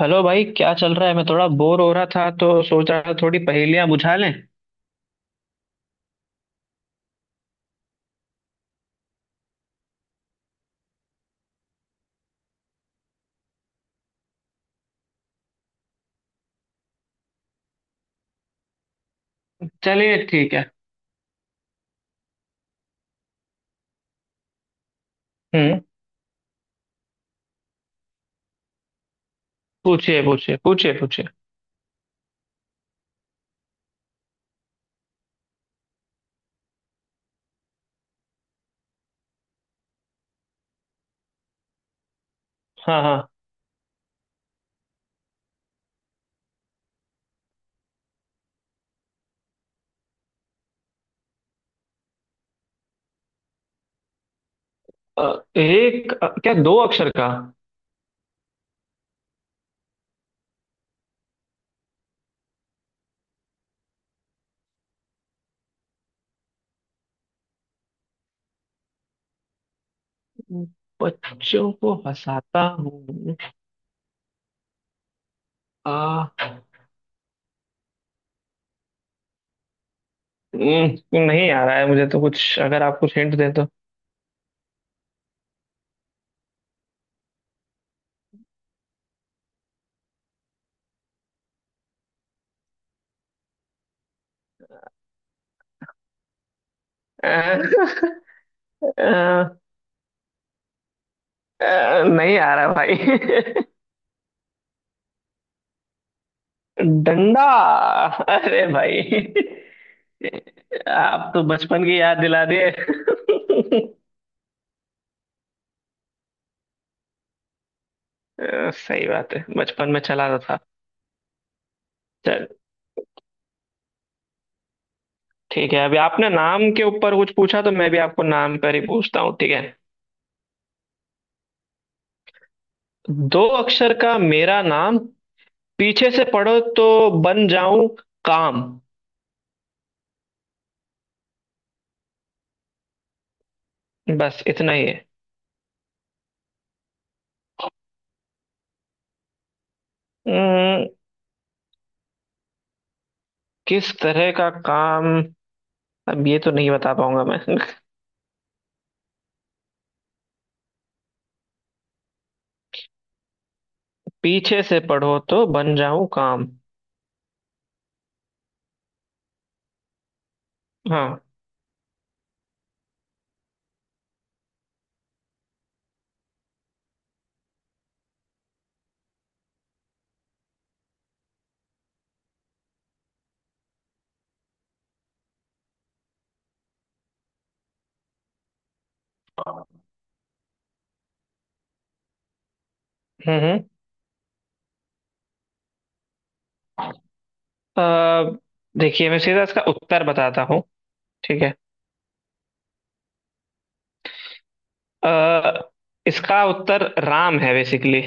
Hello भाई, क्या चल रहा है? मैं थोड़ा बोर हो रहा था तो सोच रहा था थोड़ी पहेलियां बुझा लें। चलिए, ठीक है। हम्म। पूछिए पूछिए पूछिए पूछिए। हाँ हाँ। एक क्या दो अक्षर का? बच्चों को हंसाता हूँ? आ, नहीं आ रहा है मुझे तो कुछ। अगर आप कुछ हिंट दे तो। अ, अ, नहीं आ रहा भाई। डंडा। अरे भाई। आप तो बचपन की याद दिला दिए। सही बात है, बचपन में चला रहा था। चल, ठीक है। अभी आपने नाम के ऊपर कुछ पूछा तो मैं भी आपको नाम पर ही पूछता हूँ, ठीक है? दो अक्षर का मेरा नाम, पीछे से पढ़ो तो बन जाऊं काम। बस इतना ही है। अम्म, किस तरह का काम? अब ये तो नहीं बता पाऊंगा मैं। पीछे से पढ़ो तो बन जाऊं काम। हाँ। हम्म हम्म। अ, देखिए, मैं सीधा इसका उत्तर बताता हूँ। ठीक है। अ, इसका उत्तर राम है बेसिकली।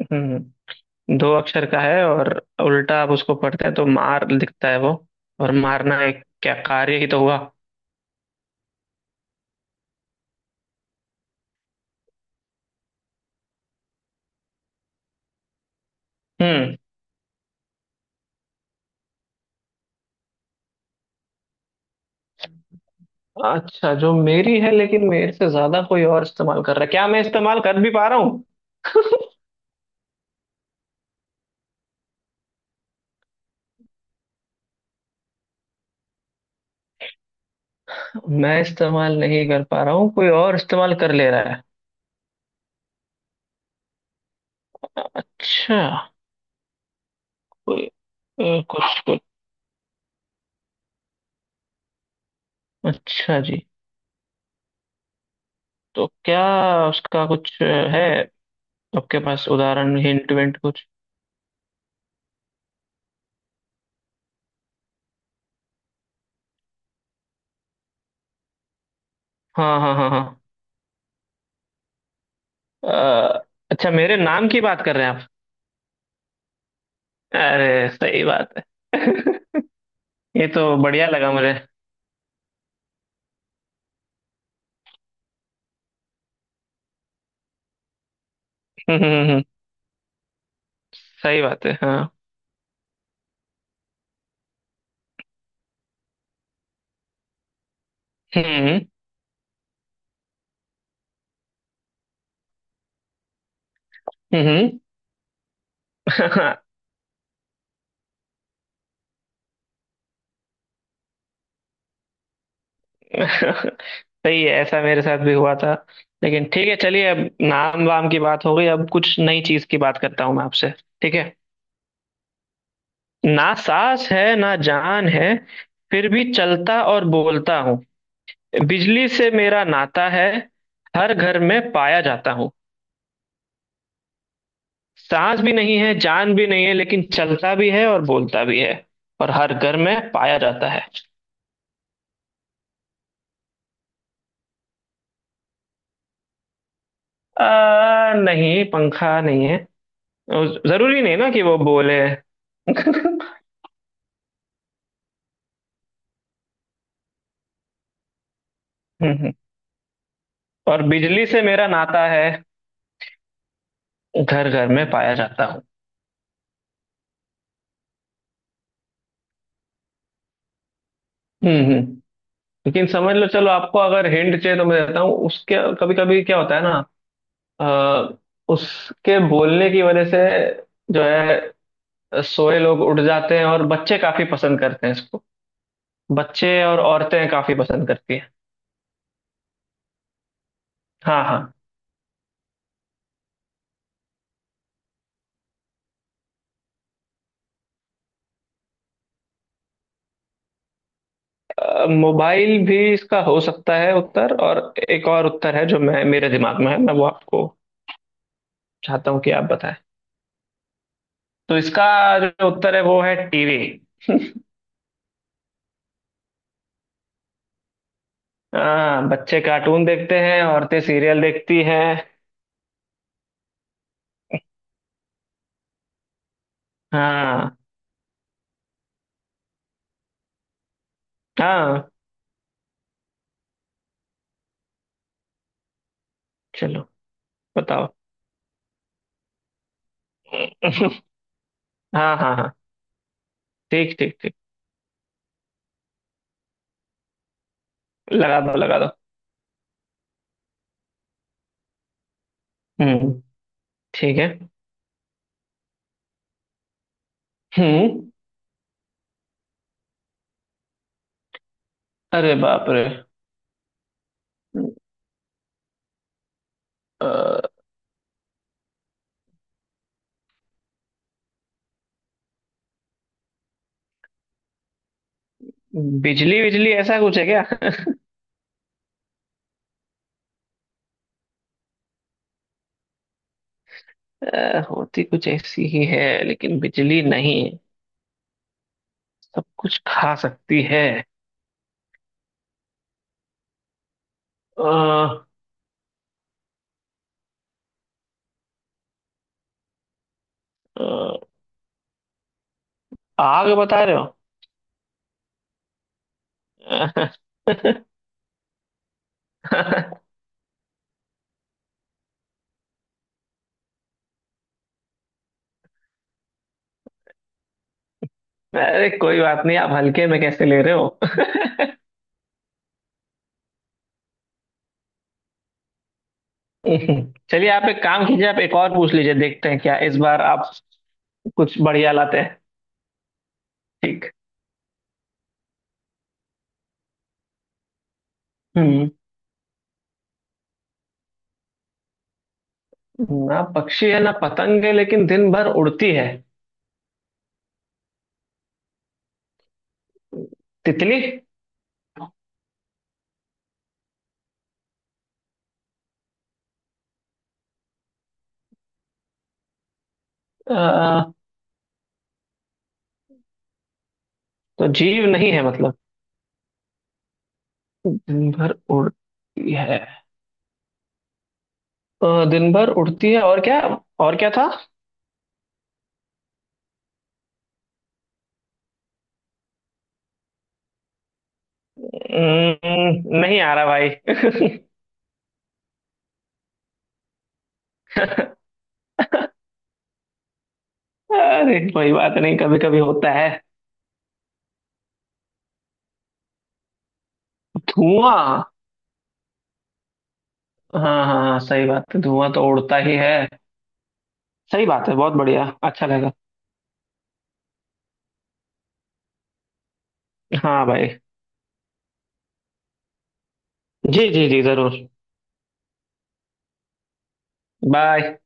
हम्म। दो अक्षर का है, और उल्टा आप उसको पढ़ते हैं तो मार दिखता है वो। और मारना एक क्या कार्य ही तो हुआ। हम्म। अच्छा, जो मेरी है लेकिन मेरे से ज्यादा कोई और इस्तेमाल कर रहा है? क्या मैं इस्तेमाल कर भी पा रहा हूँ? मैं इस्तेमाल नहीं कर पा रहा हूँ, कोई और इस्तेमाल कर ले रहा है। अच्छा। कोई कुछ कुछ। अच्छा जी। तो क्या उसका कुछ है? आपके पास उदाहरण, हिंट विंट कुछ? हाँ हाँ हाँ हाँ। अच्छा, मेरे नाम की बात कर रहे हैं आप? अरे, सही बात है। ये तो बढ़िया लगा मुझे। हम्म। सही बात है, हाँ। हम्म हम्म। सही है, ऐसा मेरे साथ भी हुआ था। लेकिन ठीक है, चलिए, अब नाम वाम की बात हो गई। अब कुछ नई चीज की बात करता हूँ मैं आपसे। ठीक है। ना सांस है ना जान है, फिर भी चलता और बोलता हूँ। बिजली से मेरा नाता है। हर घर में पाया जाता हूँ। सांस भी नहीं है, जान भी नहीं है, लेकिन चलता भी है और बोलता भी है। और हर घर में पाया जाता है। नहीं, पंखा नहीं है। जरूरी नहीं ना कि वो बोले। हम्म हम्म। और बिजली से मेरा नाता है। घर घर में पाया जाता हूँ। हम्म हम्म। लेकिन समझ लो, चलो, आपको अगर हिंट चाहिए तो मैं देता हूँ उसके। कभी कभी क्या होता है ना? अ, उसके बोलने की वजह से, जो है, सोए लोग उठ जाते हैं, और बच्चे काफी पसंद करते हैं इसको। बच्चे और औरतें काफी पसंद करती हैं। हाँ हाँ। मोबाइल भी इसका हो सकता है उत्तर, और एक और उत्तर है जो मैं मेरे दिमाग में है, मैं वो आपको चाहता हूँ कि आप बताएं। तो इसका जो उत्तर है वो है टीवी। हाँ, बच्चे कार्टून देखते हैं, औरतें सीरियल देखती हैं। हाँ। हाँ। चलो। बताओ। हाँ हाँ हाँ। ठीक ठीक ठीक। लगा दो, लगा दो। हम्म। ठीक है। हम्म। अरे बाप रे! अ, बिजली बिजली ऐसा कुछ है क्या? होती कुछ ऐसी ही है लेकिन बिजली नहीं। सब कुछ खा सकती है। अ, अ, आग बता रहे हो? अरे, कोई बात नहीं। आप हल्के में कैसे ले रहे हो? चलिए, आप एक काम कीजिए, आप एक और पूछ लीजिए। देखते हैं क्या इस बार आप कुछ बढ़िया लाते हैं। ठीक। हम्म। ना पक्षी है ना पतंग है, लेकिन दिन भर उड़ती है। तितली। अ, तो जीव नहीं है मतलब? दिन भर उड़ती है। दिन भर उड़ती है, और क्या? और क्या था? नहीं आ रहा भाई। अरे, कोई बात नहीं, कभी कभी होता है। धुआं। हाँ हाँ हाँ, सही बात है, धुआं तो उड़ता ही है। सही बात है, बहुत बढ़िया, अच्छा लगा। हाँ भाई। जी जी जी, जरूर। बाय।